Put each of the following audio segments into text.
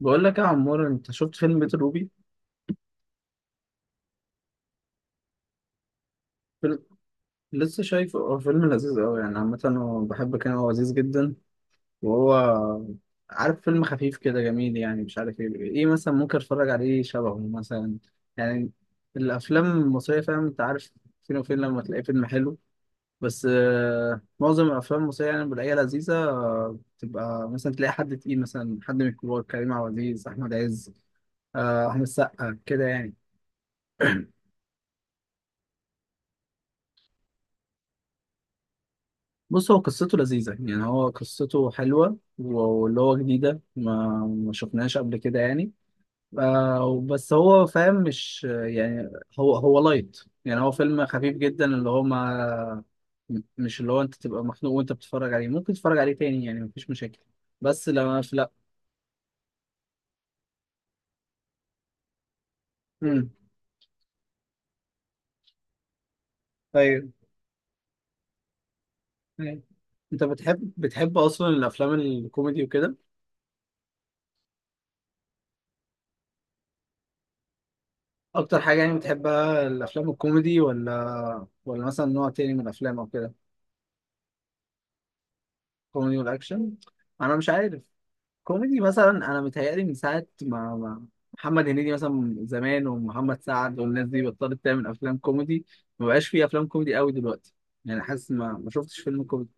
بقول لك يا عمور، انت شفت فيلم بيت الروبي؟ فيلم... لسه شايفه. هو فيلم لذيذ قوي يعني. عامة هو بحب، كان هو لذيذ جدا. وهو عارف، فيلم خفيف كده جميل يعني. مش عارف ايه ايه مثلا ممكن اتفرج عليه شبهه مثلا، يعني الافلام المصرية، فاهم؟ انت عارف فين وفين لما تلاقي فيلم حلو. بس معظم الافلام المصرية يعني بلاقيها لذيذة. تبقى مثلا تلاقي حد تقيل مثلا، حد من الكبار: كريم عبد العزيز، احمد عز، احمد السقا كده يعني. بص، هو قصته لذيذة يعني، هو قصته حلوة، واللي هو جديدة ما شفناهاش قبل كده يعني. بس هو فاهم، مش يعني، هو لايت يعني. هو فيلم خفيف جدا، اللي هو ما، مش اللي هو انت تبقى مخنوق وانت بتتفرج عليه. ممكن تتفرج عليه تاني يعني، مفيش مشاكل. بس لا لا. امم ايوه. أيوة. انت بتحب اصلا الافلام الكوميدي وكده؟ اكتر حاجة يعني بتحبها الافلام الكوميدي ولا مثلا نوع تاني من الافلام او كده؟ كوميدي والاكشن. انا مش عارف. كوميدي مثلا. انا متهيألي من ساعه ما محمد هنيدي مثلا زمان، ومحمد سعد، والناس دي بطلت تعمل افلام كوميدي. ما بقاش في افلام كوميدي قوي دلوقتي. يعني حاسس ما شفتش فيلم كوميدي.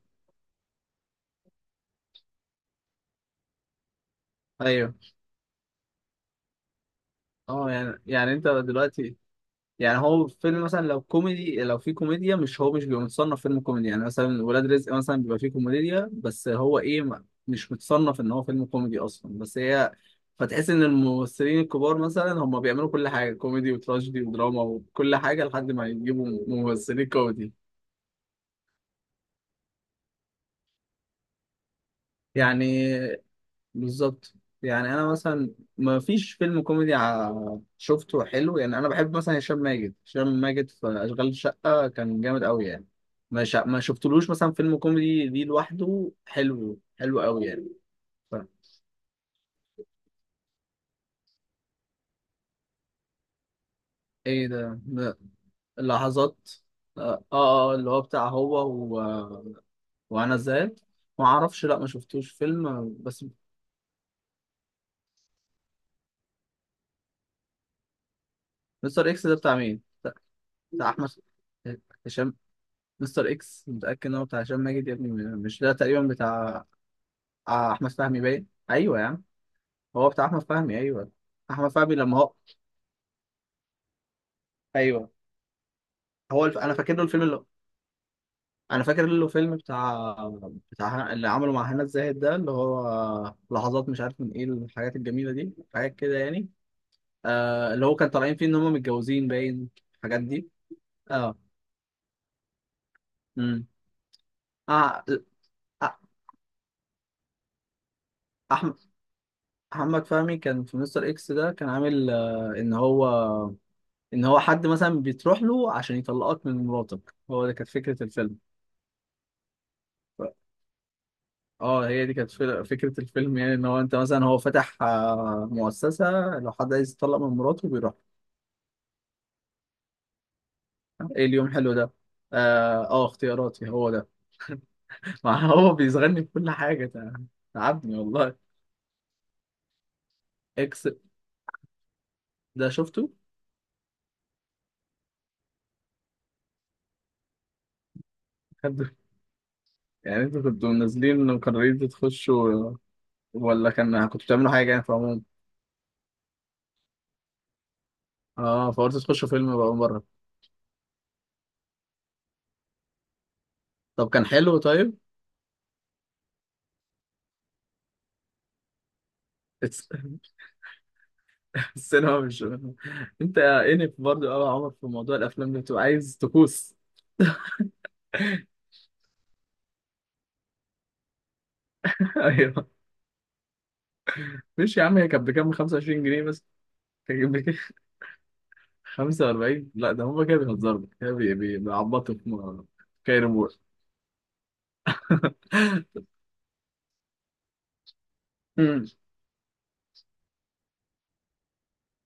ايوه. اه يعني، يعني انت دلوقتي، يعني هو فيلم مثلا لو كوميدي، لو في كوميديا، مش هو مش بيبقى متصنف فيلم كوميدي يعني. مثلا ولاد رزق مثلا بيبقى فيه كوميديا، بس هو ايه، ما- مش متصنف ان هو فيلم كوميدي اصلا. بس هي، فتحس ان الممثلين الكبار مثلا هم بيعملوا كل حاجه، كوميدي وتراجيدي ودراما وكل حاجه، لحد ما يجيبوا ممثلين كوميدي يعني. بالظبط. يعني انا مثلا ما فيش فيلم كوميدي ع- شفته حلو يعني. انا بحب مثلا هشام ماجد، هشام ماجد في اشغال شقه كان جامد قوي يعني. ما شفتلوش مثلا فيلم كوميدي دي لوحده حلو، حلو قوي يعني. ف... ايه ده م-؟ لحظات. اه اه. اللي هو بتاع هو وانا زاد. ما اعرفش، لا ما شفتوش فيلم بس. مستر اكس ده بتاع مين؟ بتاع بتاع احمد، هشام؟ مستر اكس متاكد ان هو بتاع هشام ماجد يا ابني؟ مش ده تقريبا بتاع آه احمد فهمي؟ باين. ايوه يا عم، هو بتاع احمد فهمي ايوه. احمد فهمي لما هو، ايوه. انا فاكر له الفيلم اللي، انا فاكر له فيلم بتاع، بتاع اللي عمله مع هنا الزاهد ده، اللي هو لحظات مش عارف من ايه الحاجات الجميله دي، حاجات كده يعني. آه، اللي هو كان طالعين فيه ان هم متجوزين باين، الحاجات دي. اه. امم آه. آه. احمد، محمد فهمي كان في مستر اكس ده، كان عامل آه ان هو، ان هو حد مثلا بتروح له عشان يطلقك من مراتك، هو ده كانت فكره الفيلم. اه، هي دي كانت فل- فكرة الفيلم يعني، ان هو انت مثلا، هو فتح مؤسسة، لو حد عايز يتطلق من مراته بيروح. ايه، اليوم حلو ده. اه اختياراتي، هو ده. ما هو بيصغرني في كل حاجة، تع- تعبني والله. اكس، ده شفته. حد-، يعني انتوا كنتوا نازلين وقررتوا تخشوا، ولا كان كنتوا بتعملوا حاجة يعني في عموم؟ اه، فقلت تخشوا فيلم بقى بره. طب كان حلو طيب؟ الس- السينما مش، انت انف برضه قوي يا عمر في موضوع الافلام ده، بتبقى عايز تكوس. ايوه. مش يا عم، هي كانت بكام؟ 25 جنيه بس. كانت بكام؟ 45. لا ده هما كده بيهزروا كده، بي- بي- بيعبطوا في م- كاين امور. مم.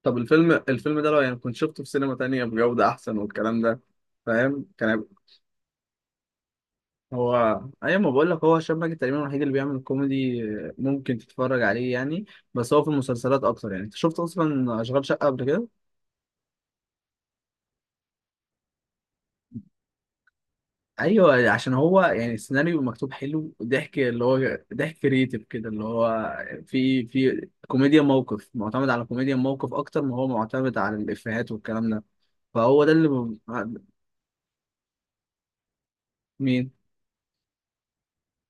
طب الفيلم، ده لو يعني كنت شفته في سينما تانية بجودة أحسن والكلام ده، فاهم؟ كان هيبقى-؟ هو أيوة، ما بقول لك، هو هشام ماجد تقريبا الوحيد اللي بيعمل كوميدي ممكن تتفرج عليه يعني. بس هو في المسلسلات أكتر يعني. أنت شفت أصلا أشغال شقة قبل كده؟ ايوه، عشان هو يعني السيناريو مكتوب حلو، ضحك اللي هو ضحك كريتيف كده، اللي هو في كوميديا موقف، معتمد على كوميديا موقف اكتر ما هو معتمد على الافيهات والكلام ده. فهو ده اللي ب-. مين؟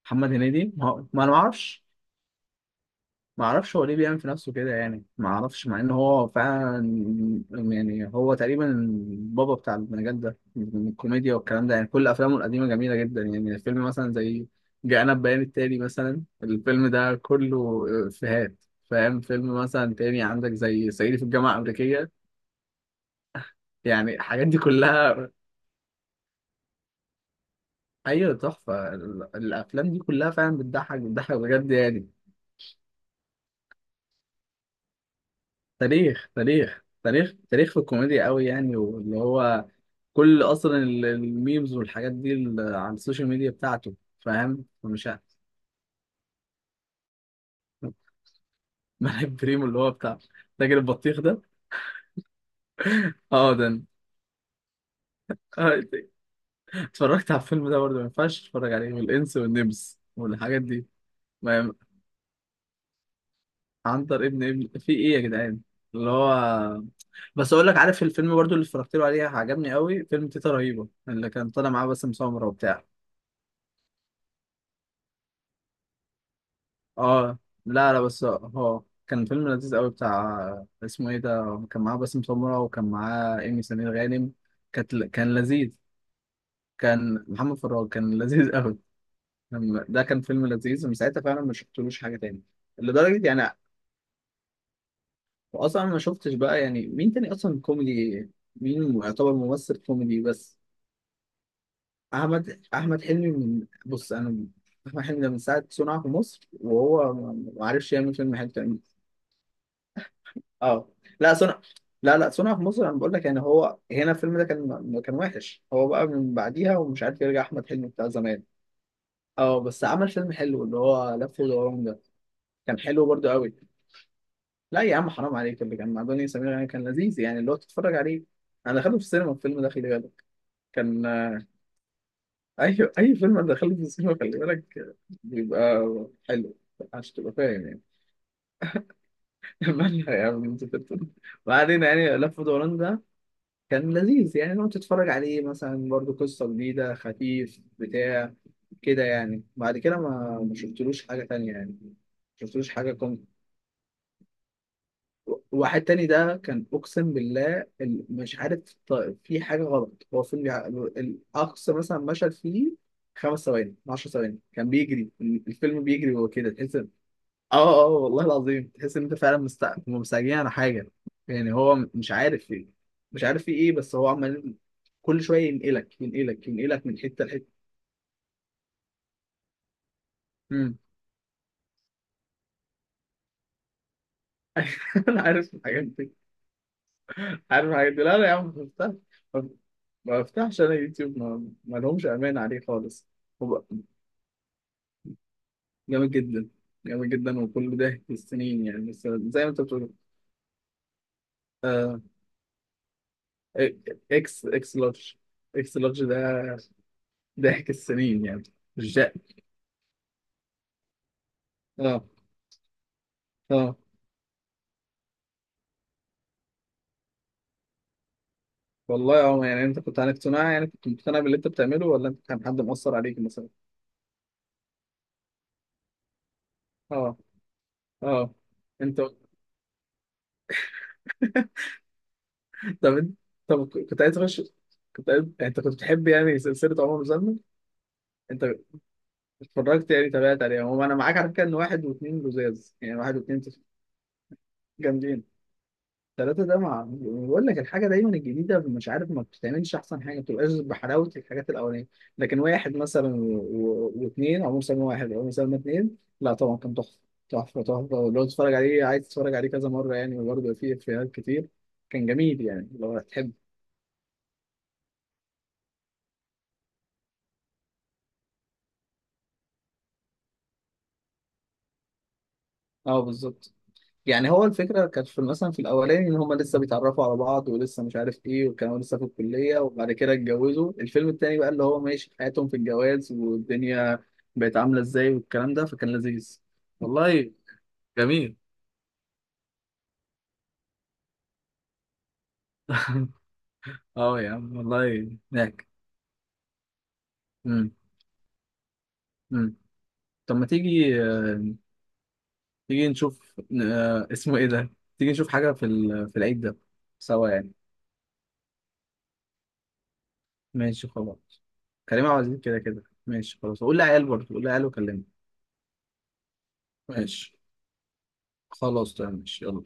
محمد هنيدي. ما, هو- ما انا ما اعرفش، ما اعرفش هو ليه بيعمل في نفسه كده يعني. ما اعرفش، مع ان هو فعلا يعني، هو تقريبا البابا بتاع المجال ده من الكوميديا والكلام ده يعني. كل افلامه القديمه جميله جدا يعني. الفيلم مثلا زي جاءنا بيان التالي مثلا، الفيلم ده كله افيهات، فاهم؟ فيلم مثلا تاني عندك زي صعيدي في الجامعه الامريكيه، يعني الحاجات دي كلها. ايوه، تحفه ال- الافلام دي كلها فعلا بتضحك، بتضحك بجد يعني. تاريخ في الكوميديا قوي يعني. واللي هو كل اصلا ال- الميمز والحاجات دي ال- على السوشيال ميديا بتاعته، فاهم؟ فمش عارف. ملعب بريمو، اللي هو بتاع تاجر البطيخ ده. اه ده أنا. آه، اتفرجت على الفيلم ده برضه، ما ينفعش تتفرج عليه، والانس والنمس والحاجات دي. ما-، عنتر ابن في ايه يا جدعان اللي هو. بس اقول لك، عارف الفيلم برضه اللي اتفرجت له عليه عجبني قوي، فيلم تيتا رهيبه، اللي كان طالع معاه باسم سمرة وبتاع. اه لا لا، بس هو كان فيلم لذيذ قوي بتاع اسمه ايه ده، كان معاه باسم سمرة وكان معاه ايمي سمير غانم. كان لذيذ. كان محمد فراج، كان لذيذ قوي. كان-، ده كان فيلم لذيذ، ومن ساعتها فعلا ما شفتلوش حاجة تاني، لدرجة يعني اصلا ما شفتش بقى، يعني مين تاني اصلا كوميدي، مين يعتبر ممثل كوميدي بس؟ احمد حلمي، من، بص انا، احمد حلمي ده من ساعة صنع في مصر وهو ما عرفش يعمل فيلم حلو. اه، لا صنع، لا لا، صنع في مصر انا بقول لك يعني، هو هنا الفيلم ده كان، كان وحش. هو بقى من بعديها ومش عارف يرجع احمد حلمي بتاع زمان. اه بس عمل فيلم حلو، اللي هو لف ودوران ده، كان حلو برضو قوي. لا يا عم حرام عليك، اللي كان مع دنيا سمير غانم كان لذيذ يعني، اللي هو تتفرج عليه. انا دخلته في السينما الفيلم ده، خلي بالك، كان اي فيلم انا دخلته في السينما، خلي بالك بيبقى حلو، عشان تبقى فاهم يعني. مالها يا عم انت بتتكلم؟ ما علينا. يعني لف ودوران ده كان لذيذ يعني، لو تتفرج عليه مثلا برضو، قصة جديدة خفيف بتاع كده يعني. بعد كده ما شفتلوش حاجة تانية يعني، ما شفتلوش حاجة كوم. واحد تاني ده كان أقسم بالله ال-، مش عارف، ط- في حاجة غلط، هو فيلم يع- الأقصى مثلا مشهد فيه خمس ثواني، 10 ثواني، كان بيجري الفيلم، بيجري، وهو كده تحس. اه اه والله العظيم تحس ان انت فعلا مستعجلين على حاجه يعني. هو مش عارف في، مش عارف في ايه، بس هو عمال كل شويه ينقلك من حته لحته. امم انا عارف الحاجات دي، عارف الحاجات دي. لا لا يا عم ما بفتحش، ما ما بفتحش انا يوتيوب. ما لهمش امان عليه خالص. هو جامد جدا، جامد جدا، وكل ده في السنين يعني، بس زي ما انت بتقول. آه... إيه، اكس لارج، اكس لارج ده ضحك السنين يعني. مش ده. اه اه والله. اه يعني انت كنت عن اقتناع يعني، كنت مقتنع باللي انت بتعمله، ولا انت كان حد مؤثر عليك مثلا؟ اه اه. انت طب انت، طب كنت عايز تخش؟ كنت عايز، يعني انت كنت بتحب يعني سلسله عمر زلمه؟ انت اتفرجت يعني، تابعت عليها؟ هو انا معاك على فكره ان واحد واثنين لزاز يعني. واحد واثنين جامدين. ثلاثة ده مع، يعني بقول لك الحاجة دايما الجديدة مش عارف، ما بتتعملش أحسن حاجة، ما بتبقاش بحلاوة الحاجات الأولانية. لكن واحد مثلا و- و- واتنين، أو مسلمة واحد أو مسلمة اتنين، لا طبعا كان تحفة. تحفة تحفة، لو تتفرج عليه عايز تتفرج عليه كذا مرة يعني، وبرضه فيه إفيهات كتير، كان جميل يعني لو هتحب. أه بالظبط. يعني هو الفكرة كانت في مثلا، في الأولاني إن هما لسه بيتعرفوا على بعض، ولسه مش عارف إيه، وكانوا لسه في الكلية، وبعد كده اتجوزوا. الفيلم التاني بقى اللي هو ماشي في حياتهم في الجواز، والدنيا بقت عاملة إزاي، والكلام ده، فكان لذيذ. والله جميل. أه يا عم والله هناك. أمم. أمم. طب ما تيجي تيجي نشوف اسمه إيه ده، تيجي نشوف حاجة في ال- في العيد ده سوا يعني. ماشي خلاص. كريم عبد العزيز كده كده ماشي، خلاص قول لعيال برضه، قول لعيال وكلمني. ماشي خلاص تمام، ماشي، يلا.